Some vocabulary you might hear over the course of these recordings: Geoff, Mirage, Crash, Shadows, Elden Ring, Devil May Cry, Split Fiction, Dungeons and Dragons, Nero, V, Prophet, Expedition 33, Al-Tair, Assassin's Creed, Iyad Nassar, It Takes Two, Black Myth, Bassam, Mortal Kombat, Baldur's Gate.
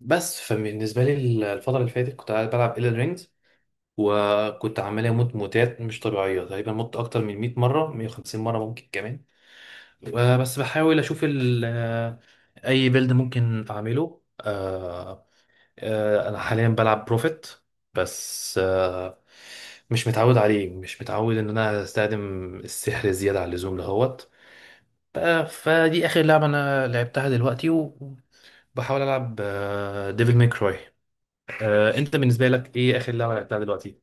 بس فبالنسبة لي الفترة اللي فاتت كنت قاعد بلعب إيلن رينجز. وكنت عمال أموت موتات مش طبيعية، تقريبا مت أكتر من 100 مرة، 150 مرة ممكن كمان. بس بحاول أشوف أي بيلد ممكن أعمله. أنا حاليا بلعب بروفيت، بس مش متعود عليه، مش متعود إن أنا أستخدم السحر زيادة عن اللزوم دهوت. ف- فدي آخر لعبة أنا لعبتها دلوقتي، وبحاول ألعب ديفل ماي كراي. انت بالنسبه لك ايه اخر لعبه لعبتها دلوقتي؟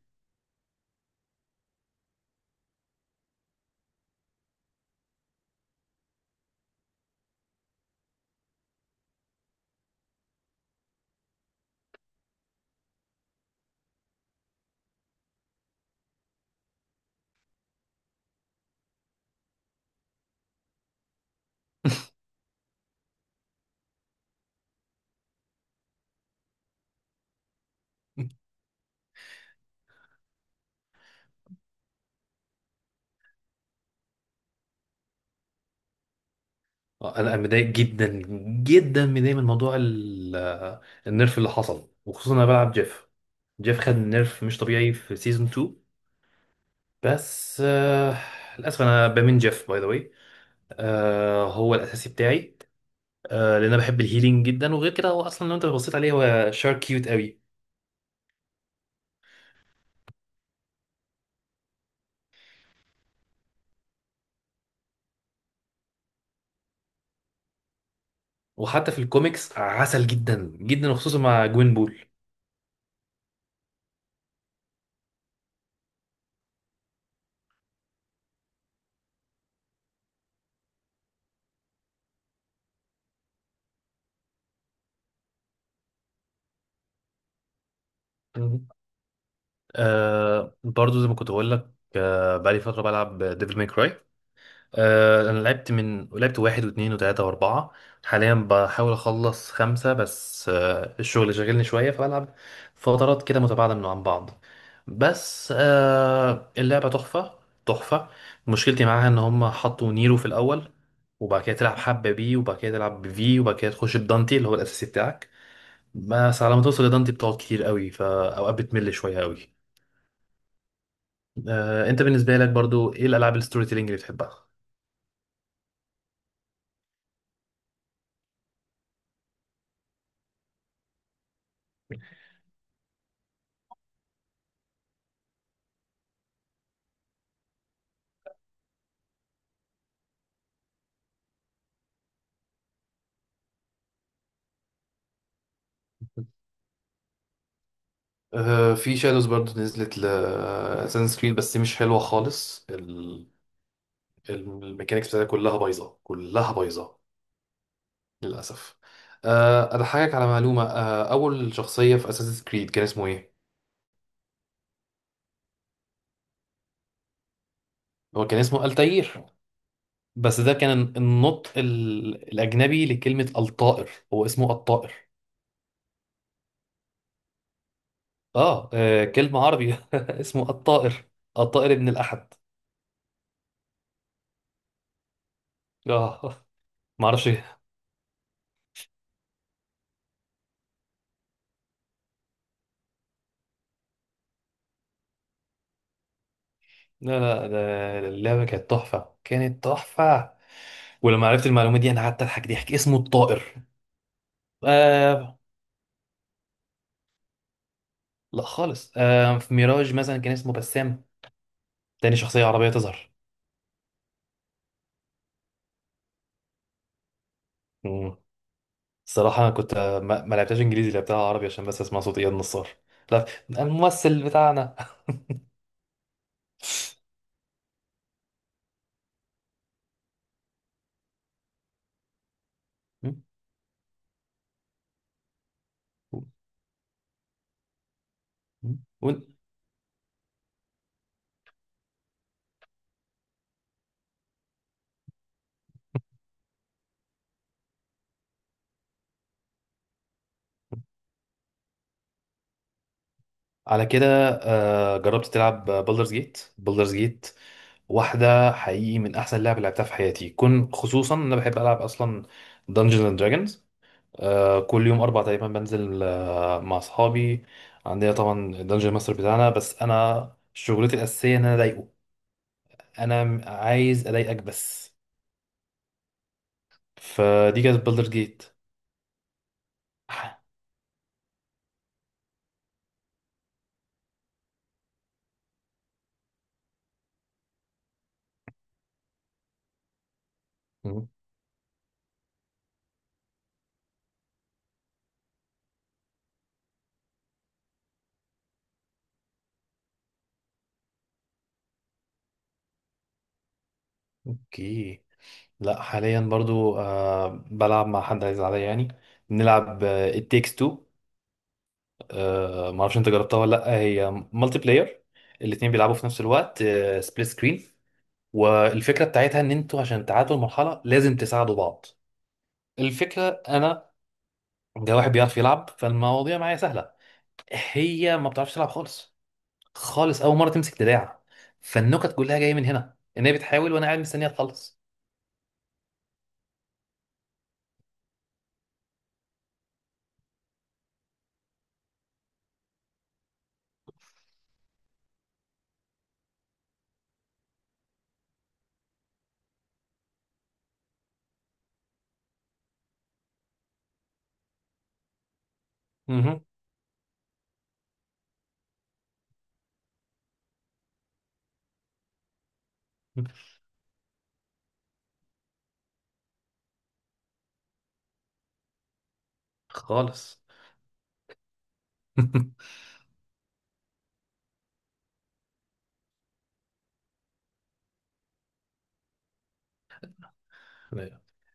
آه، انا أنا متضايق جدا، جدا متضايق من موضوع النيرف اللي حصل، وخصوصا انا بلعب جيف. جيف خد نيرف مش طبيعي في سيزون 2. بس للاسف انا بمين جيف باي ذا واي، هو الاساسي بتاعي. لان انا بحب الهيلينج جدا، وغير كده هو اصلا لو انت بصيت عليه هو شار كيوت قوي. وحتى في الكوميكس عسل جدا جدا، وخصوصا مع جوين بول. برضو زي ما كنت بقول لك، بقالي فترة بلعب ديفل ماي كراي. انا لعبت واحد واثنين وثلاثة واربعة. حاليا بحاول اخلص خمسة، بس الشغل شاغلني شوية، فبلعب فترات كده متباعدة من عن بعض. بس اللعبة تحفة، تحفة. مشكلتي معاها ان هم حطوا نيرو في الاول، وبعد كده تلعب حبة بي، وبعد كده تلعب بفي، وبعد كده تخش بدانتي اللي هو الاساسي بتاعك. بس على ما توصل لدانتي بتقعد كتير قوي، فاوقات بتمل شوية قوي. انت بالنسبه لك برضو ايه الالعاب الستوري تيلينج اللي بتحبها؟ في شادوز برضو نزلت ل اساسن كريد، بس دي مش حلوه خالص. الميكانيكس بتاعتها كلها بايظه، كلها بايظه للاسف. اضحكك على معلومه. اول شخصيه في اساسن كريد كان اسمه ايه؟ هو كان اسمه التاير، بس ده كان النطق الاجنبي لكلمه الطائر، هو اسمه الطائر. اه، كلمه عربي. اسمه الطائر، الطائر ابن الاحد. اه. معرفش. لا، لا، ده اللعبة كانت تحفة، كانت تحفة. ولما عرفت المعلومة دي أنا قعدت أضحك ضحك، اسمه الطائر. آه. لا خالص. في ميراج مثلا كان اسمه بسام، تاني شخصية عربية تظهر. مم. الصراحة أنا كنت ما لعبتهاش إنجليزي، لعبتها عربي عشان بس أسمع صوت إياد نصار. لا، الممثل بتاعنا. و... على كده، جربت تلعب بولدرز جيت؟ بولدرز جيت واحدة حقيقي من أحسن لعبة لعبتها في حياتي، كن خصوصا إن أنا بحب ألعب أصلا دنجنز أند دراجونز. كل يوم أربع تقريبا بنزل مع أصحابي. عندنا طبعا الدنجن ماستر بتاعنا، بس أنا شغلتي الأساسية إن أنا أضايقه. عايز أضايقك بس. فدي كانت بولدرز جيت. أوكي. لا، حاليا برضو بلعب مع حد عايز عليا يعني، بنلعب التيكس 2. ما اعرفش انت جربتها ولا لا، هي مالتي بلاير. الاتنين بيلعبوا في نفس الوقت، سبليت سكرين. والفكره بتاعتها ان انتوا عشان تعادلوا المرحله لازم تساعدوا بعض. الفكره انا، ده واحد بيعرف يلعب فالمواضيع معايا سهله. هي ما بتعرفش تلعب خالص، خالص اول مره تمسك دراع. فالنكت كلها جايه من هنا، ان هي بتحاول وانا قاعد مستنيها تخلص. مهم. خالص.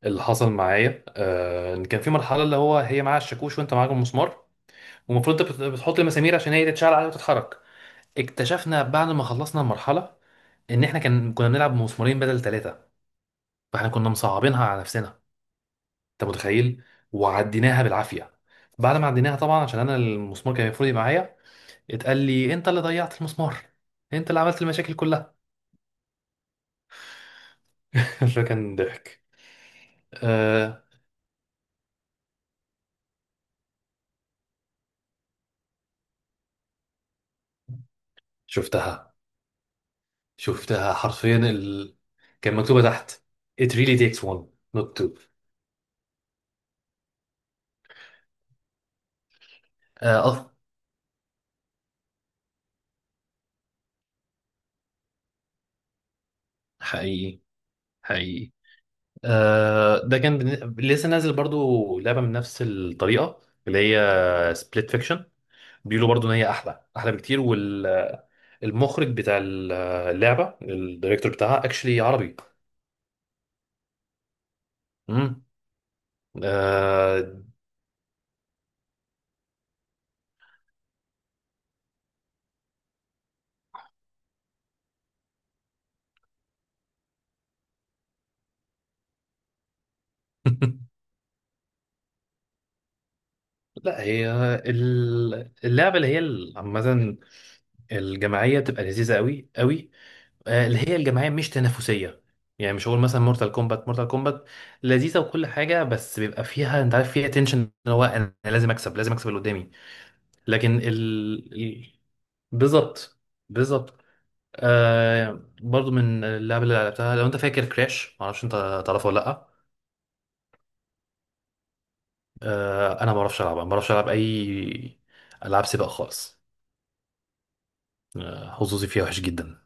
اللي حصل معايا ان كان في مرحله اللي هو هي معاها الشاكوش وانت معاك المسمار. ومفروض انت بتحط المسامير عشان هي تتشعل عليها وتتحرك. اكتشفنا بعد ما خلصنا المرحله ان احنا كنا بنلعب بمسمارين بدل ثلاثه، فاحنا كنا مصعبينها على نفسنا. انت متخيل؟ وعديناها بالعافيه. بعد ما عديناها طبعا، عشان انا المسمار كان المفروض يبقى معايا، اتقال لي انت اللي ضيعت المسمار، انت اللي عملت المشاكل كلها. فكان ضحك. آه، شفتها، شفتها حرفيا كان مكتوبه تحت "it really takes one not two". اه، حقيقي، حقيقي. ده كان لسه نازل برضو لعبه من نفس الطريقه، اللي هي سبليت فيكشن. بيقولوا برضو ان هي احلى، احلى بكتير. والمخرج بتاع اللعبه، الدايركتور بتاعها اكشلي عربي. امم آه، لا، هي اللعبه اللي هي عامه، الجماعيه بتبقى لذيذه قوي قوي. اللي هي الجماعيه مش تنافسيه، يعني مش هقول مثلا مورتال كومبات. مورتال كومبات لذيذه وكل حاجه، بس بيبقى فيها انت عارف فيها تنشن، ان هو انا لازم اكسب، لازم اكسب اللي قدامي. لكن بالظبط، بالظبط. برضو من اللعب اللي لعبتها، لو انت فاكر كراش، معرفش انت تعرفه ولا لا. انا ما بعرفش العبها، ما بعرفش العب اي العاب سباق خالص. حظوظي فيها وحش جدا.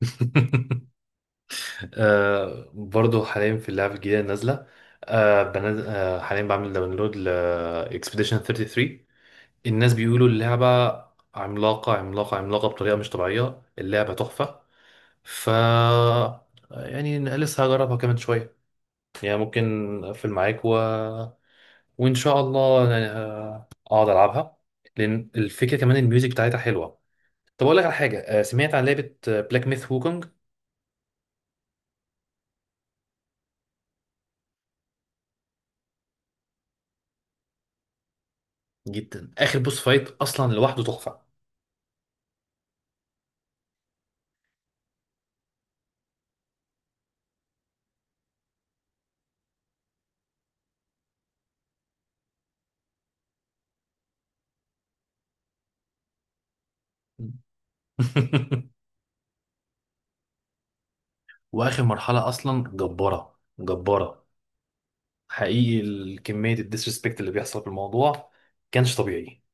برضو حاليا في اللعبة الجديدة نازلة. آه بنز... آه حاليا بعمل داونلود ل Expedition 33. الناس بيقولوا اللعبة عملاقة، عملاقة، عملاقة بطريقة مش طبيعية، اللعبة تحفة. ف يعني لسه هجربها كمان شوية، يعني ممكن أقفل معاك وإن شاء الله يعني، أقعد ألعبها. لأن الفكرة كمان الميوزك بتاعتها حلوة. طب أقول لك على حاجة، سمعت عن لعبة بلاك ميث وukong؟ جدا، آخر بوس فايت أصلا لوحده تحفة. واخر مرحله اصلا جباره، جباره حقيقي. كميه الديسريسبكت اللي بيحصل في الموضوع كانش طبيعي.